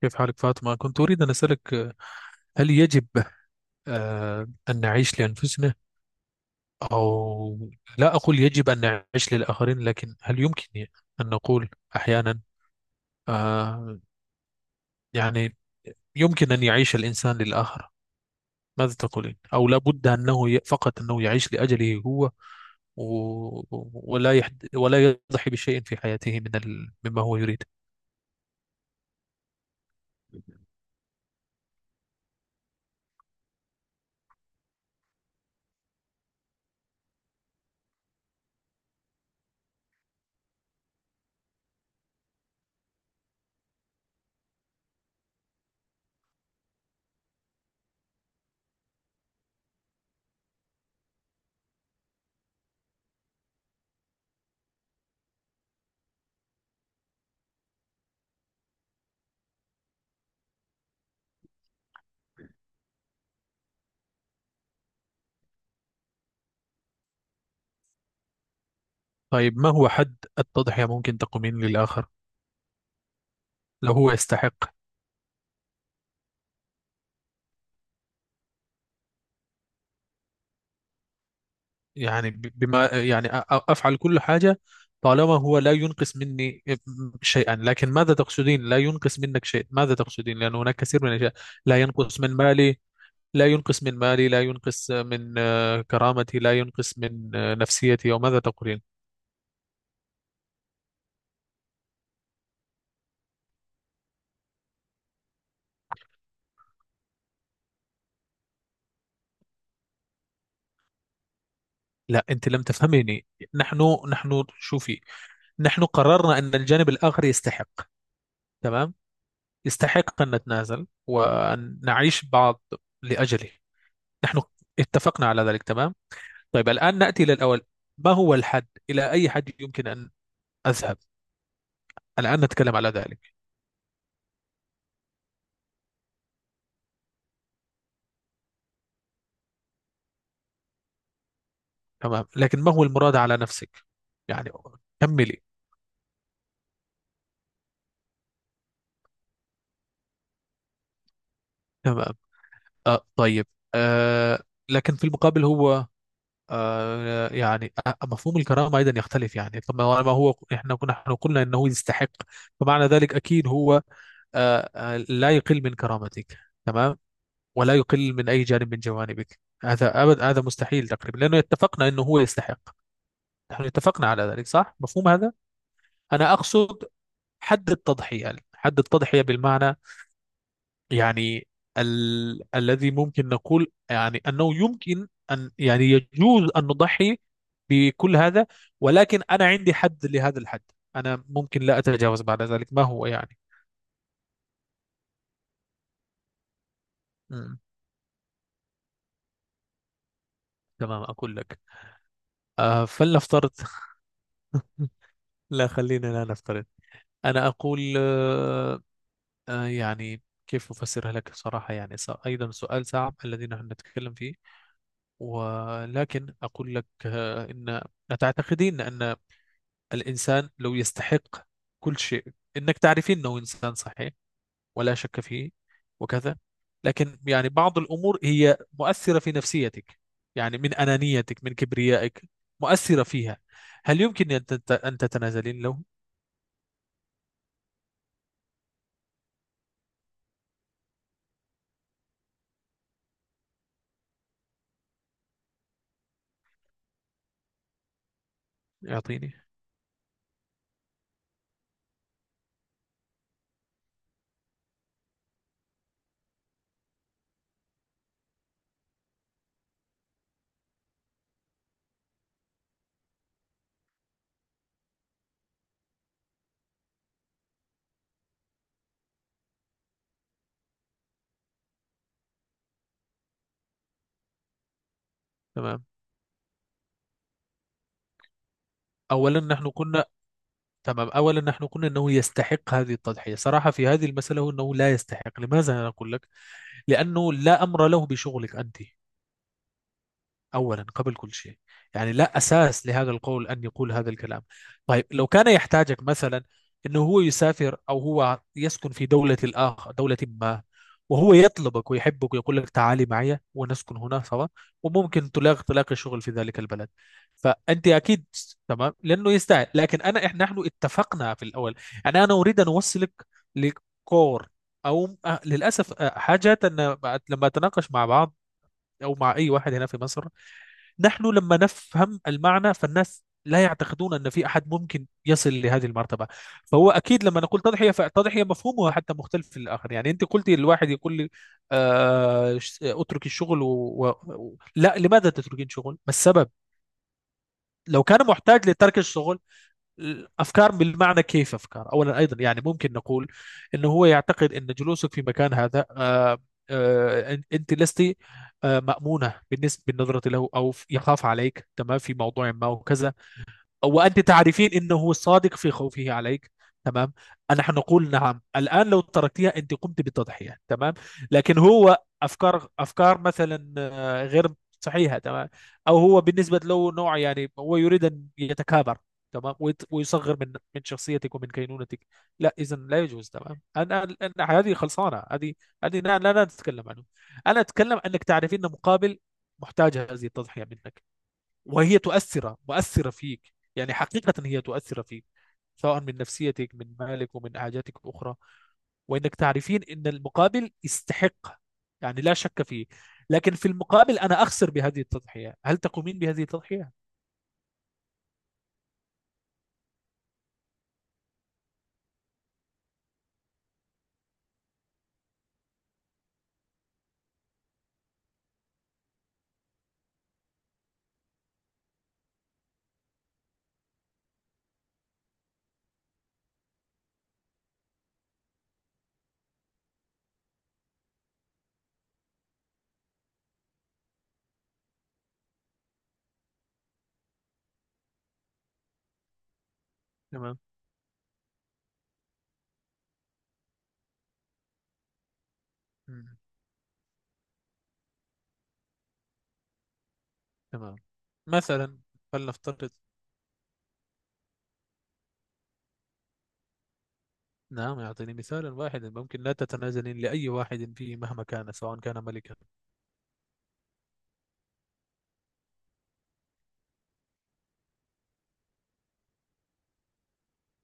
كيف حالك فاطمة؟ كنت أريد أن أسألك هل يجب أن نعيش لأنفسنا، أو لا أقول يجب أن نعيش للآخرين، لكن هل يمكن أن نقول أحيانا آه، يعني يمكن أن يعيش الإنسان للآخر؟ ماذا تقولين؟ أو لا بد أنه فقط أنه يعيش لأجله هو، و- ولا يحد ولا يضحي بشيء في حياته مما هو يريد. طيب، ما هو حد التضحية ممكن تقومين للآخر لو هو يستحق؟ يعني بما يعني أفعل كل حاجة طالما هو لا ينقص مني شيئا. لكن ماذا تقصدين لا ينقص منك شيء؟ ماذا تقصدين؟ لأن هناك كثير من الأشياء. لا ينقص من مالي، لا ينقص من مالي، لا ينقص من كرامتي، لا ينقص من نفسيتي، وماذا تقولين؟ لا، أنت لم تفهميني. نحن شوفي، نحن قررنا أن الجانب الآخر يستحق. تمام، يستحق أن نتنازل وأن نعيش بعض لأجله. نحن اتفقنا على ذلك، تمام. طيب الآن نأتي إلى الأول، ما هو الحد؟ إلى أي حد يمكن أن أذهب؟ الآن نتكلم على ذلك. تمام، لكن ما هو المراد على نفسك؟ يعني كملي. تمام، طيب. آه لكن في المقابل هو يعني، مفهوم الكرامة أيضا يختلف، يعني طبعا، ما ما هو، إحنا قلنا أنه يستحق، فمعنى ذلك أكيد هو لا يقل من كرامتك، تمام، ولا يقل من أي جانب من جوانبك. هذا أبد، هذا مستحيل تقريبا، لأنه اتفقنا أنه هو يستحق. نحن اتفقنا على ذلك، صح؟ مفهوم هذا؟ أنا أقصد حد التضحية، يعني حد التضحية بالمعنى، يعني الذي ممكن نقول يعني أنه يمكن أن، يعني يجوز أن نضحي بكل هذا، ولكن أنا عندي حد لهذا الحد. أنا ممكن لا أتجاوز بعد ذلك، ما هو يعني. مم. تمام أقول لك. فلنفترض لا، خلينا لا نفترض. أنا أقول يعني كيف أفسرها لك صراحة؟ يعني أيضا سؤال صعب الذي نحن نتكلم فيه، ولكن أقول لك إن، أتعتقدين أن الإنسان لو يستحق كل شيء، إنك تعرفين أنه إنسان صحيح ولا شك فيه وكذا، لكن يعني بعض الأمور هي مؤثرة في نفسيتك، يعني من أنانيتك، من كبريائك، مؤثرة فيها، هل يمكن أن أن تتنازلين له؟ يعطيني. تمام، أولا نحن قلنا، تمام، أولا نحن قلنا أنه يستحق هذه التضحية. صراحة في هذه المسألة هو أنه لا يستحق. لماذا أنا أقول لك؟ لأنه لا أمر له بشغلك أنت، أولا قبل كل شيء. يعني لا أساس لهذا القول أن يقول هذا الكلام. طيب لو كان يحتاجك مثلا، أنه هو يسافر أو هو يسكن في دولة الآخر، دولة ما، وهو يطلبك ويحبك ويقول لك تعالي معي ونسكن هنا سوا، وممكن تلاقي تلاقي شغل في ذلك البلد، فأنت أكيد، تمام، لأنه يستاهل. لكن أنا، إحنا نحن اتفقنا في الأول، يعني أنا أريد أن أوصلك لكور، أو للأسف حاجات أن لما أتناقش مع بعض، أو مع أي واحد هنا في مصر، نحن لما نفهم المعنى، فالناس لا يعتقدون أن في أحد ممكن يصل لهذه المرتبة. فهو أكيد لما نقول تضحية، فالتضحية مفهومها حتى مختلف في الآخر، يعني أنت قلتي الواحد يقول لي، أترك الشغل لا، لماذا تتركين شغل؟ ما السبب؟ لو كان محتاج لترك الشغل، أفكار بالمعنى كيف أفكار؟ أولا أيضا يعني ممكن نقول أنه هو يعتقد أن جلوسك في مكان هذا أنت لست مأمونة بالنسبة بالنظرة له، أو يخاف عليك تمام في موضوع ما وكذا، وأنت تعرفين أنه صادق في خوفه عليك، تمام. نحن نقول نعم، الآن لو تركتها أنت قمت بالتضحية، تمام. لكن هو أفكار أفكار مثلا غير صحيحة، تمام. أو هو بالنسبة له نوع يعني هو يريد أن يتكابر، تمام، ويصغر من شخصيتك ومن كينونتك. لا، إذا لا يجوز، تمام. أنا هذه خلصانة، هذه، هذه لا لا لا نتكلم عنه. أنا أتكلم أنك تعرفين أن مقابل محتاج هذه التضحية منك، وهي تؤثر مؤثرة فيك، يعني حقيقة هي تؤثر فيك سواء من نفسيتك، من مالك، ومن حاجاتك الأخرى، وإنك تعرفين إن المقابل يستحق، يعني لا شك فيه، لكن في المقابل أنا أخسر بهذه التضحية، هل تقومين بهذه التضحية؟ تمام. مم. تمام، مثلا، فلنفترض، نعم يعطيني مثالا واحدا ممكن لا تتنازلين لأي واحد فيه مهما كان، سواء كان ملكا.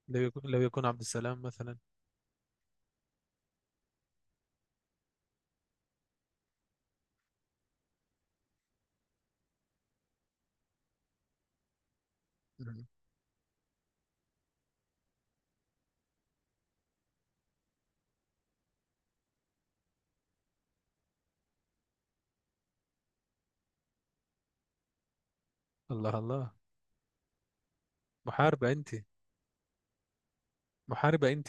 لو يكون, لو يكون عبد السلام مثلا. مم. الله الله، محاربة أنت، محاربة أنت.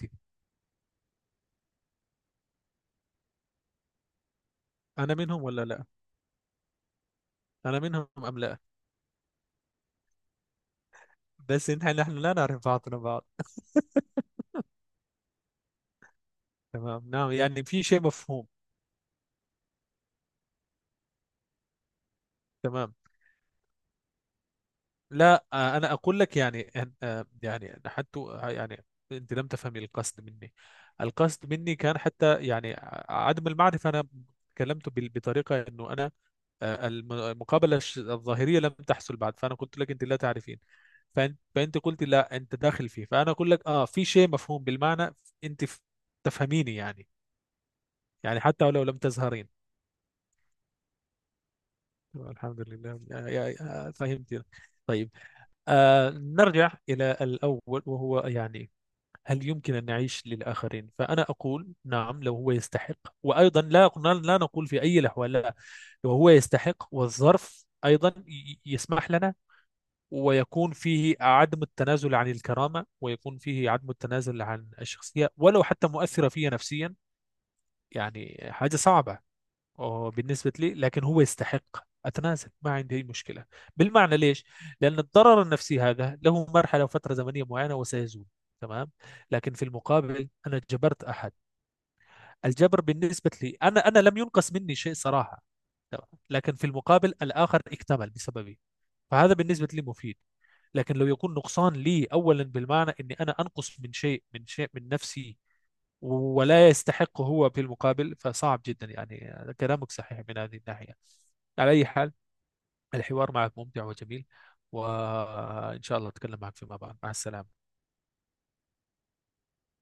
انا منهم ولا لا؟ انا منهم ام لا؟ بس انت، نحن لا نعرف بعضنا بعض. تمام، نعم، يعني في شيء مفهوم. تمام، لا، انا اقول لك يعني يعني حتى يعني انت لم تفهمي القصد مني. القصد مني كان حتى يعني عدم المعرفه، انا تكلمت بطريقه انه انا المقابله الظاهريه لم تحصل بعد، فانا قلت لك انت لا تعرفين، فانت قلت لا انت داخل فيه، فانا اقول لك اه في شيء مفهوم بالمعنى، انت تفهميني يعني. يعني حتى ولو لم تزهرين. الحمد لله، فهمت. طيب، نرجع إلى الأول وهو يعني، هل يمكن أن نعيش للآخرين؟ فأنا أقول نعم لو هو يستحق، وأيضا لا، لا نقول في أي الأحوال لا. لو هو يستحق والظرف أيضا يسمح لنا، ويكون فيه عدم التنازل عن الكرامة، ويكون فيه عدم التنازل عن الشخصية، ولو حتى مؤثرة فيا نفسيا، يعني حاجة صعبة اه بالنسبة لي، لكن هو يستحق، أتنازل، ما عندي أي مشكلة. بالمعنى ليش؟ لأن الضرر النفسي هذا له مرحلة وفترة زمنية معينة وسيزول، تمام. لكن في المقابل أنا جبرت أحد. الجبر بالنسبة لي أنا لم ينقص مني شيء صراحة، تمام؟ لكن في المقابل الآخر اكتمل بسببي، فهذا بالنسبة لي مفيد. لكن لو يكون نقصان لي أولا بالمعنى أني أنا أنقص من شيء من نفسي، ولا يستحق هو في المقابل، فصعب جدا. يعني كلامك صحيح من هذه الناحية. على أي حال، الحوار معك ممتع وجميل، وإن شاء الله أتكلم معك فيما بعد. مع السلامة.